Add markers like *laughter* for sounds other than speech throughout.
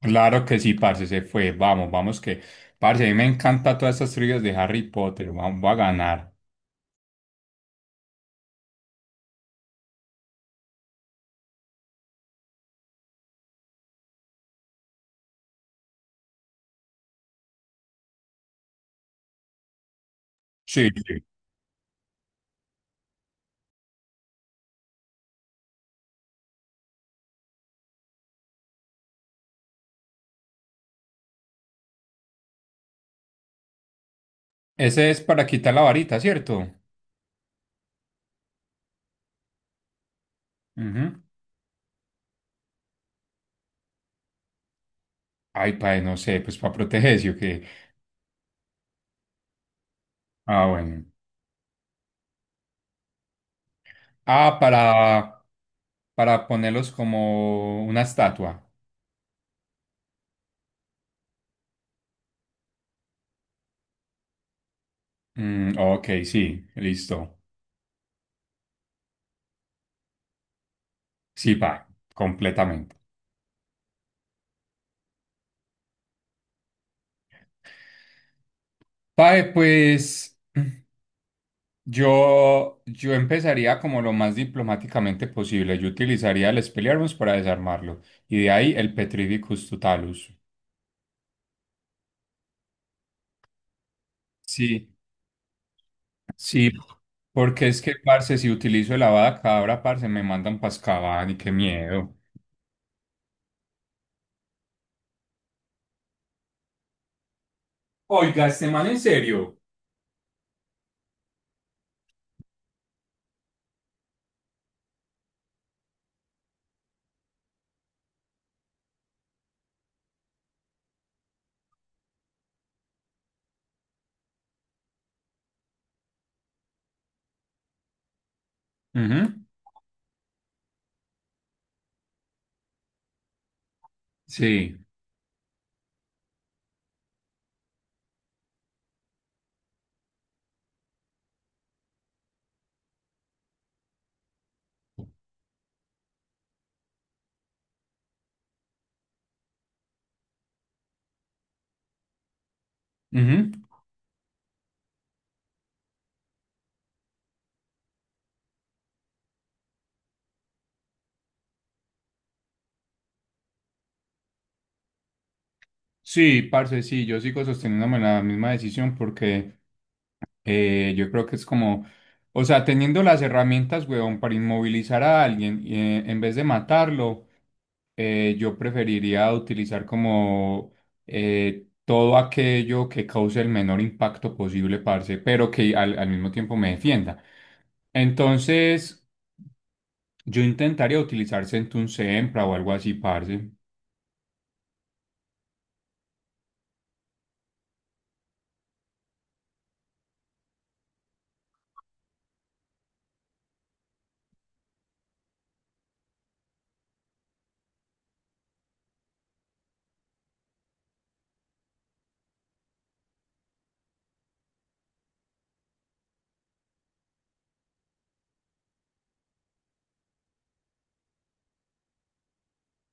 Claro que sí, parce, se fue. Vamos, vamos que. Parce, a mí me encanta todas estas trivias de Harry Potter. Vamos, va a ganar. Sí, sí. Ese es para quitar la varita, ¿cierto? Ujú. Ay, padre, no sé, pues para protegerse o qué. Ah, bueno. Ah, para, para ponerlos como una estatua. Ok, sí, listo. Sí, pa, completamente. Pae, pues. Yo empezaría como lo más diplomáticamente posible. Yo utilizaría el Expelliarmus para desarmarlo y de ahí el Petrificus Totalus. Sí, sí. Porque es que, parce, si utilizo el Avada Kedavra, parce, me mandan pascaban y qué miedo. Oiga, este man en serio. Ujú. Sí, ujú. Sí, parce, sí, yo sigo sosteniéndome la misma decisión porque yo creo que es o sea, teniendo las herramientas, weón, para inmovilizar a alguien, en vez de matarlo, yo preferiría utilizar como todo aquello que cause el menor impacto posible, parce, pero que al mismo tiempo me defienda. Entonces, yo intentaría utilizar Centun Sempra o algo así, parce.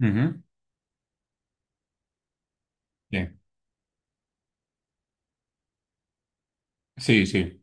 Ujú, bien. Sí, sí.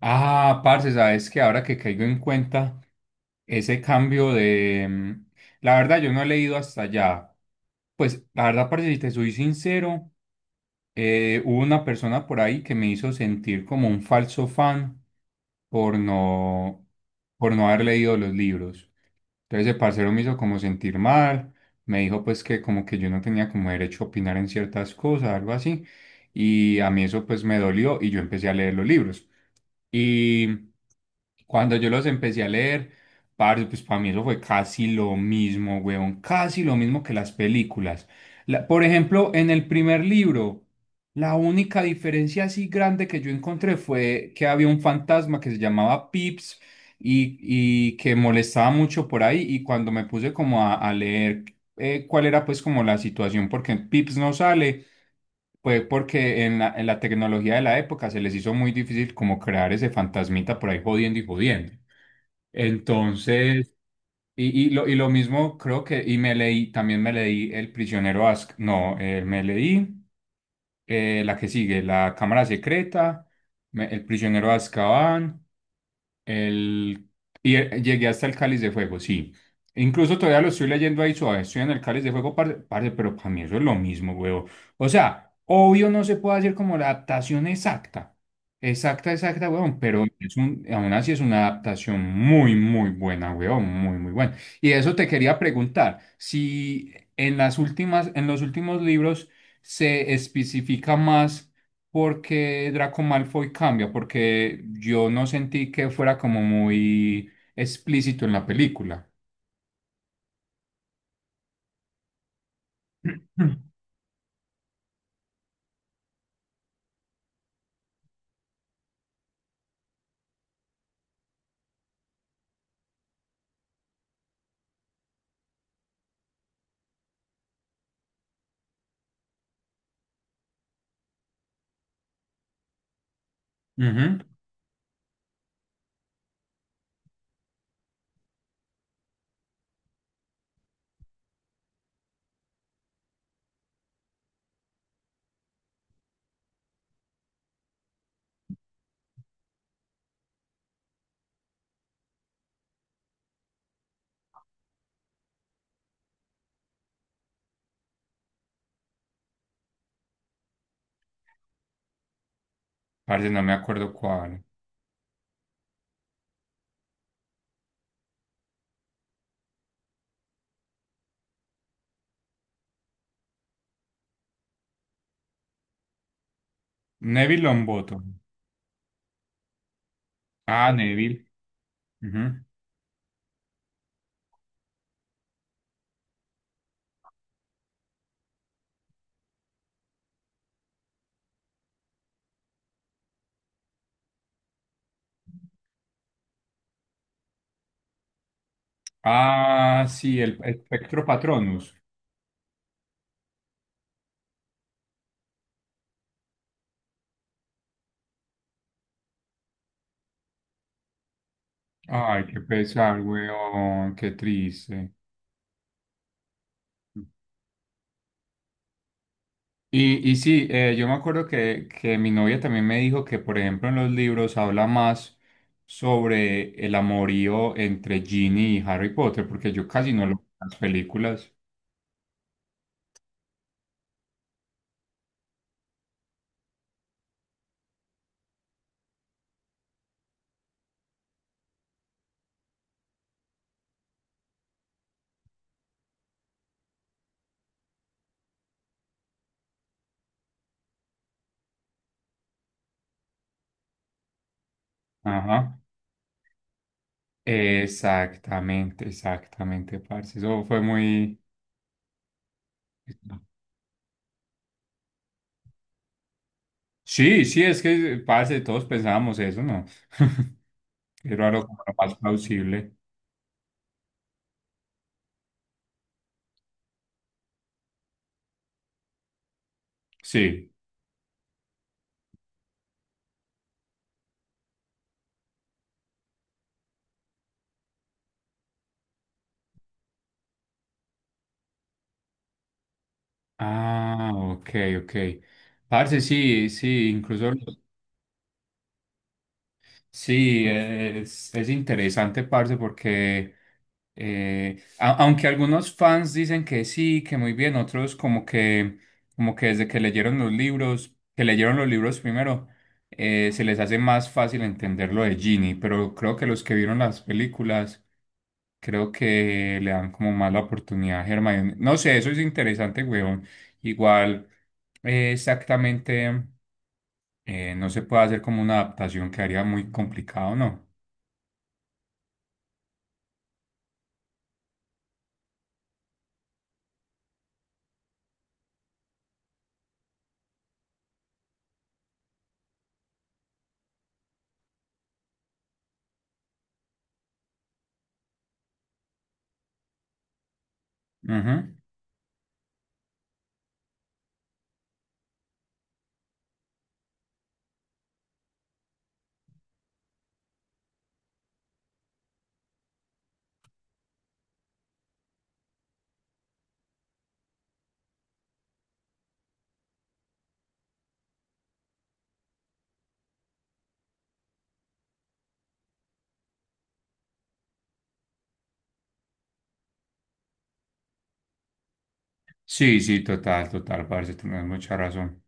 Ah, parce, sabes que ahora que caigo en cuenta ese cambio de. La verdad, yo no he leído hasta allá. Pues la verdad, parce, si te soy sincero, hubo una persona por ahí que me hizo sentir como un falso fan por por no haber leído los libros. Entonces el parcero me hizo como sentir mal, me dijo pues que como que yo no tenía como derecho a opinar en ciertas cosas, algo así. Y a mí eso pues me dolió y yo empecé a leer los libros. Y cuando yo los empecé a leer, parce, pues para mí eso fue casi lo mismo, weón, casi lo mismo que las películas. Por ejemplo, en el primer libro, la única diferencia así grande que yo encontré fue que había un fantasma que se llamaba Pips y, y que molestaba mucho por ahí y cuando me puse como a leer cuál era pues como la situación, porque Pips no sale, pues porque en en la tecnología de la época se les hizo muy difícil como crear ese fantasmita por ahí jodiendo y jodiendo. Entonces, y lo mismo creo que, y me leí, también me leí El prisionero Ask, no, me leí la que sigue, La cámara secreta, El prisionero de Azkaban. El, y llegué hasta el Cáliz de Fuego, sí. Incluso todavía lo estoy leyendo ahí suave. Estoy en el Cáliz de Fuego, parce, pero para mí eso es lo mismo, huevo. O sea, obvio no se puede hacer como la adaptación exacta. Exacta, exacta, huevón. Pero es un, aún así es una adaptación muy, muy buena, huevón. Muy, muy buena. Y eso te quería preguntar. Si en las últimas, en los últimos libros se especifica más porque Draco Malfoy cambia, porque yo no sentí que fuera como muy explícito en la película. Mm. Ujú. Parce, no me acuerdo cuál. Neville Longbottom. Ah, Neville. Ujú. Ah, sí, el Spectro Patronus. Ay, qué pesar, weón, qué triste. Y sí, yo me acuerdo que mi novia también me dijo que, por ejemplo, en los libros habla más sobre el amorío entre Ginny y Harry Potter, porque yo casi no lo veo en las películas. Ajá. Exactamente, exactamente, parce. Eso fue muy... Sí, sí, es que, parce, todos pensábamos eso, ¿no? *laughs* Era lo como lo más plausible. Sí. Ah, ok, ok. Parce, sí, sí, incluso... Sí, es interesante, parce, porque aunque algunos fans dicen que sí, que muy bien, otros como como que desde que leyeron los libros, que leyeron los libros primero, se les hace más fácil entender lo de Ginny, pero creo que los que vieron las películas, creo que le dan como más la oportunidad a Hermione. No sé, eso es interesante, weón. Igual, exactamente, no se puede hacer como una adaptación que haría muy complicado, ¿no? Ujú. Sí, sí, total, total, parce, tenés mucha razón.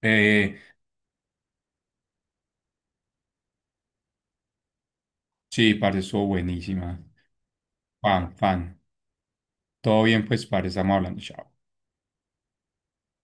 Eh, sí, parce, estuvo buenísima. Fan, fan. Todo bien, pues, parce, estamos hablando. Chao.